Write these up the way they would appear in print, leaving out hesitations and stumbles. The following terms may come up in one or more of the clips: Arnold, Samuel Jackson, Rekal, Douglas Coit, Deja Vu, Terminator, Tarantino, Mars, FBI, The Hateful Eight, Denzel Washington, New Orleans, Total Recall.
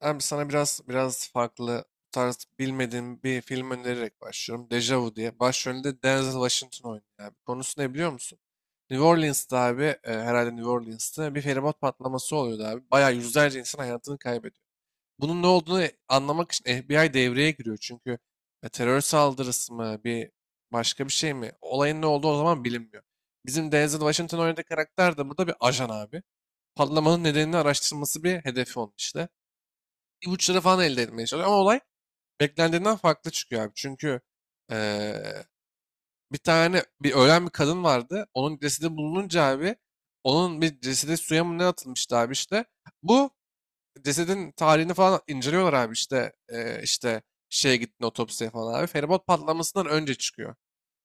Hem sana biraz farklı bu tarz bilmediğim bir film önererek başlıyorum. Deja Vu diye. Başrolünde Denzel Washington oynuyor abi. Konusu ne biliyor musun? New Orleans'ta abi, herhalde New Orleans'ta bir feribot patlaması oluyordu abi. Bayağı yüzlerce insan hayatını kaybediyor. Bunun ne olduğunu anlamak için FBI devreye giriyor. Çünkü terör saldırısı mı, başka bir şey mi? Olayın ne olduğu o zaman bilinmiyor. Bizim Denzel Washington oynadığı karakter de burada bir ajan abi. Patlamanın nedenini araştırması bir hedefi onun işte ipuçları falan elde etmeye çalışıyor. Ama olay beklendiğinden farklı çıkıyor abi. Çünkü eee, bir tane ölen bir kadın vardı. Onun cesedi bulununca abi onun bir cesedi suya mı ne atılmıştı abi işte. Bu cesedin tarihini falan inceliyorlar abi işte işte şeye gittin otopsiye falan abi. Feribot patlamasından önce çıkıyor.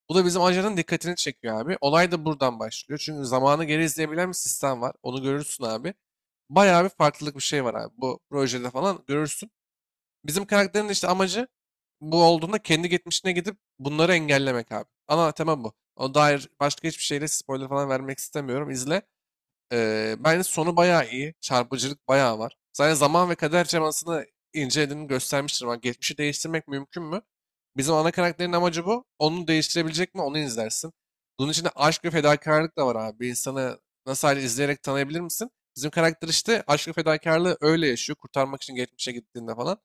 Bu da bizim ajanın dikkatini çekiyor abi. Olay da buradan başlıyor. Çünkü zamanı geri izleyebilen bir sistem var. Onu görürsün abi. Bayağı bir farklılık bir şey var abi. Bu projede falan görürsün. Bizim karakterin işte amacı bu olduğunda kendi geçmişine gidip bunları engellemek abi. Ana tema bu. O dair başka hiçbir şeyle spoiler falan vermek istemiyorum. İzle. Bence sonu bayağı iyi. Çarpıcılık bayağı var. Zaten zaman ve kader cemasını incelediğini göstermiştir. Ama geçmişi değiştirmek mümkün mü? Bizim ana karakterin amacı bu. Onu değiştirebilecek mi? Onu izlersin. Bunun içinde aşk ve fedakarlık da var abi. Bir insanı nasıl hali izleyerek tanıyabilir misin? Bizim karakter işte aşk ve fedakarlığı öyle yaşıyor. Kurtarmak için geçmişe gittiğinde falan.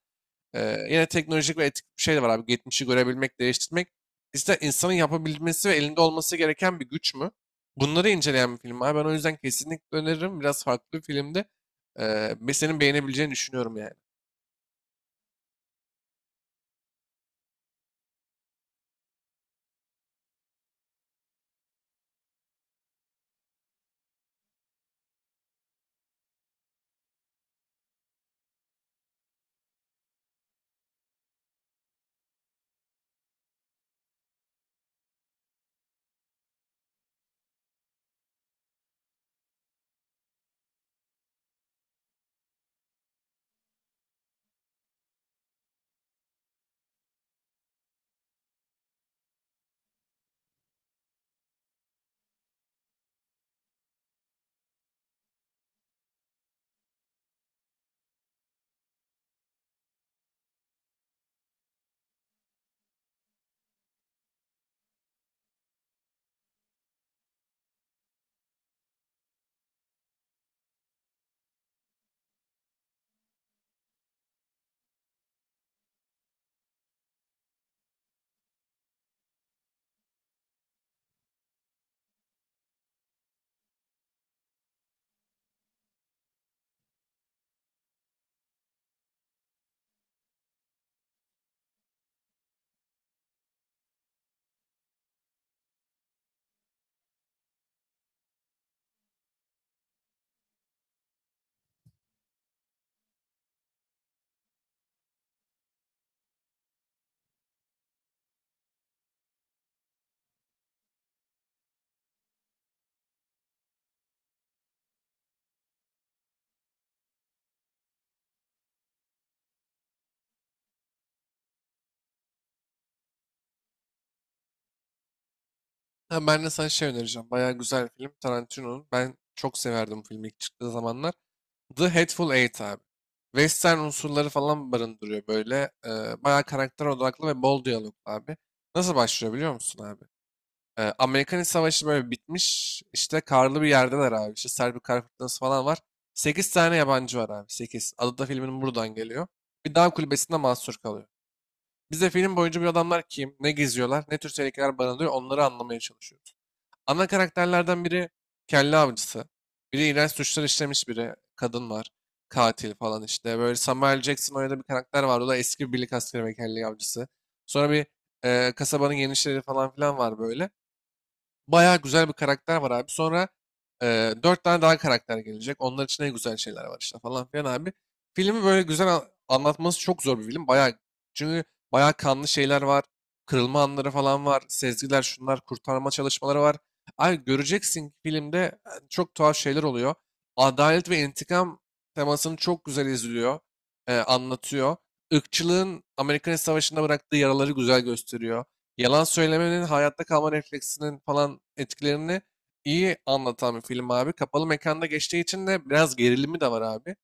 Yine teknolojik ve etik bir şey de var abi. Geçmişi görebilmek, değiştirmek. İşte insanın yapabilmesi ve elinde olması gereken bir güç mü? Bunları inceleyen bir film abi. Ben o yüzden kesinlikle öneririm. Biraz farklı bir filmde. Ve senin beğenebileceğini düşünüyorum yani. Ha, ben de sana şey önereceğim. Bayağı güzel bir film. Tarantino'nun. Ben çok severdim bu filmi ilk çıktığı zamanlar. The Hateful Eight abi. Western unsurları falan barındırıyor böyle. Bayağı karakter odaklı ve bol diyalog abi. Nasıl başlıyor biliyor musun abi? Amerikan İç Savaşı böyle bitmiş. İşte karlı bir yerdeler abi. İşte Serbi kar fırtınası falan var. 8 tane yabancı var abi. Sekiz. Adı da filmin buradan geliyor. Bir dağ kulübesinde mahsur kalıyor. Biz de film boyunca bu adamlar kim, ne geziyorlar, ne tür tehlikeler barındırıyor onları anlamaya çalışıyoruz. Ana karakterlerden biri kelle avcısı. Biri iğrenç suçlar işlemiş biri. Kadın var. Katil falan işte. Böyle Samuel Jackson oynadığı bir karakter var. O da eski bir birlik askeri ve kelle avcısı. Sonra bir kasabanın genişleri falan filan var böyle. Bayağı güzel bir karakter var abi. Sonra dört tane daha karakter gelecek. Onlar için en güzel şeyler var işte falan filan abi. Filmi böyle güzel anlatması çok zor bir film. Bayağı çünkü bayağı kanlı şeyler var. Kırılma anları falan var. Sezgiler şunlar kurtarma çalışmaları var. Abi göreceksin ki filmde çok tuhaf şeyler oluyor. Adalet ve intikam temasını çok güzel izliyor. Anlatıyor. Irkçılığın Amerikan Savaşı'nda bıraktığı yaraları güzel gösteriyor. Yalan söylemenin hayatta kalma refleksinin falan etkilerini iyi anlatan bir film abi. Kapalı mekanda geçtiği için de biraz gerilimi de var abi.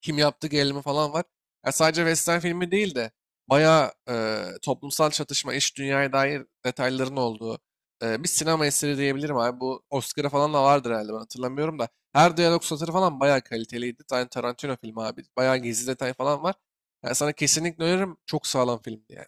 Kim yaptı gerilimi falan var. Ya sadece western filmi değil de bayağı toplumsal çatışma, iş dünyaya dair detayların olduğu bir sinema eseri diyebilirim abi. Bu Oscar'a falan da vardır herhalde, ben hatırlamıyorum da. Her diyalog satırı falan bayağı kaliteliydi. Tarantino filmi abi. Bayağı gizli detay falan var. Yani sana kesinlikle öneririm. Çok sağlam filmdi yani.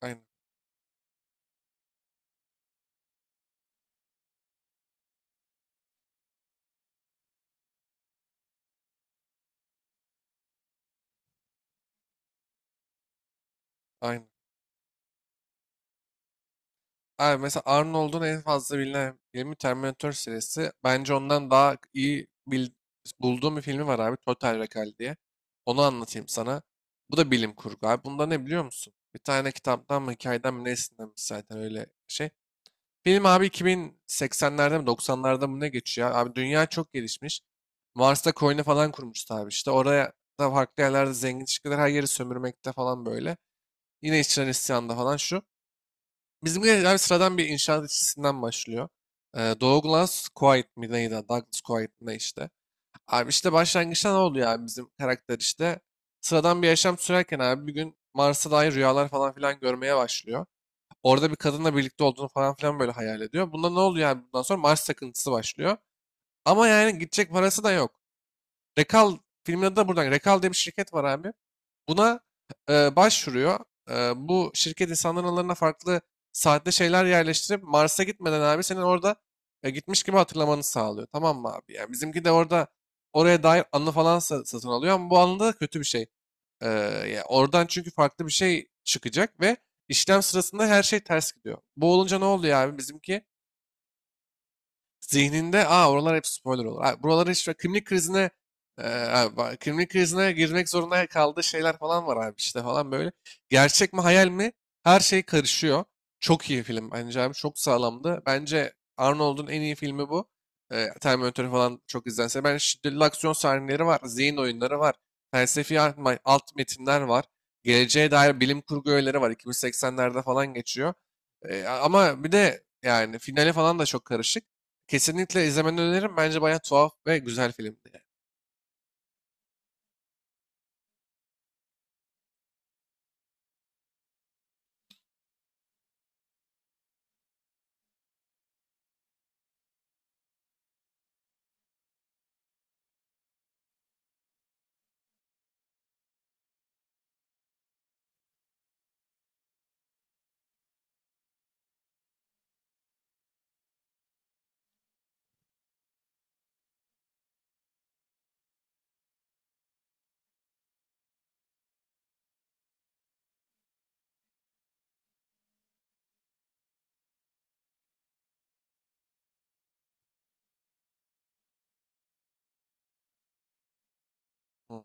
Aynen. Aynen. Abi mesela Arnold'un en fazla bilinen filmi Terminator serisi. Bence ondan daha iyi bulduğum bir filmi var abi. Total Recall diye. Onu anlatayım sana. Bu da bilim kurgu abi. Bunda ne biliyor musun? Bir tane kitaptan mı hikayeden mi nesinden mi zaten öyle şey. Film abi 2080'lerde mi 90'larda mı ne geçiyor? Abi dünya çok gelişmiş. Mars'ta koloni falan kurmuştu abi işte. Oraya da farklı yerlerde zengin çıkıyorlar. Her yeri sömürmekte falan böyle. Yine işçiler isyanda falan şu. Bizimki abi sıradan bir inşaat işçisinden başlıyor. Douglas Coit mi neydi? Douglas Coit ne işte. Abi işte başlangıçta ne oluyor abi bizim karakter işte. Sıradan bir yaşam sürerken abi bir gün Mars'a dair rüyalar falan filan görmeye başlıyor. Orada bir kadınla birlikte olduğunu falan filan böyle hayal ediyor. Bunda ne oluyor abi bundan sonra Mars takıntısı başlıyor. Ama yani gidecek parası da yok. Rekal filmin adı da buradan. Rekal diye bir şirket var abi. Buna başvuruyor. E, Bu şirket insanların aralarına farklı saatte şeyler yerleştirip Mars'a gitmeden abi senin orada gitmiş gibi hatırlamanı sağlıyor. Tamam mı abi? Yani bizimki de orada oraya dair anı falan satın alıyor ama bu anında da kötü bir şey. E, Ya oradan çünkü farklı bir şey çıkacak ve işlem sırasında her şey ters gidiyor. Bu olunca ne oluyor abi? Bizimki zihninde aa oralar hep spoiler olur. Aa, buraları işte kimlik krizine abi bak, kimlik krizine girmek zorunda kaldığı şeyler falan var abi işte falan böyle. Gerçek mi hayal mi? Her şey karışıyor. Çok iyi film bence abi. Çok sağlamdı. Bence Arnold'un en iyi filmi bu. Terminator falan çok izlense. Ben şiddetli aksiyon sahneleri var. Zihin oyunları var. Felsefi alt metinler var. Geleceğe dair bilim kurgu öğeleri var. 2080'lerde falan geçiyor. Ama bir de yani finale falan da çok karışık. Kesinlikle izlemeni öneririm. Bence bayağı tuhaf ve güzel filmdi yani. Hı.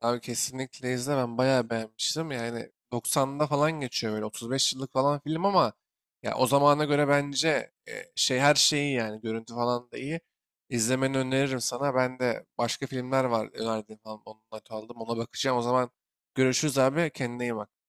Abi kesinlikle izle. Ben bayağı beğenmiştim. Yani 90'da falan geçiyor böyle 35 yıllık falan film ama ya o zamana göre bence şey her şeyi yani görüntü falan da iyi. İzlemeni öneririm sana. Ben de başka filmler var önerdiğim falan. Onunla not aldım. Ona bakacağım. O zaman görüşürüz abi. Kendine iyi bak.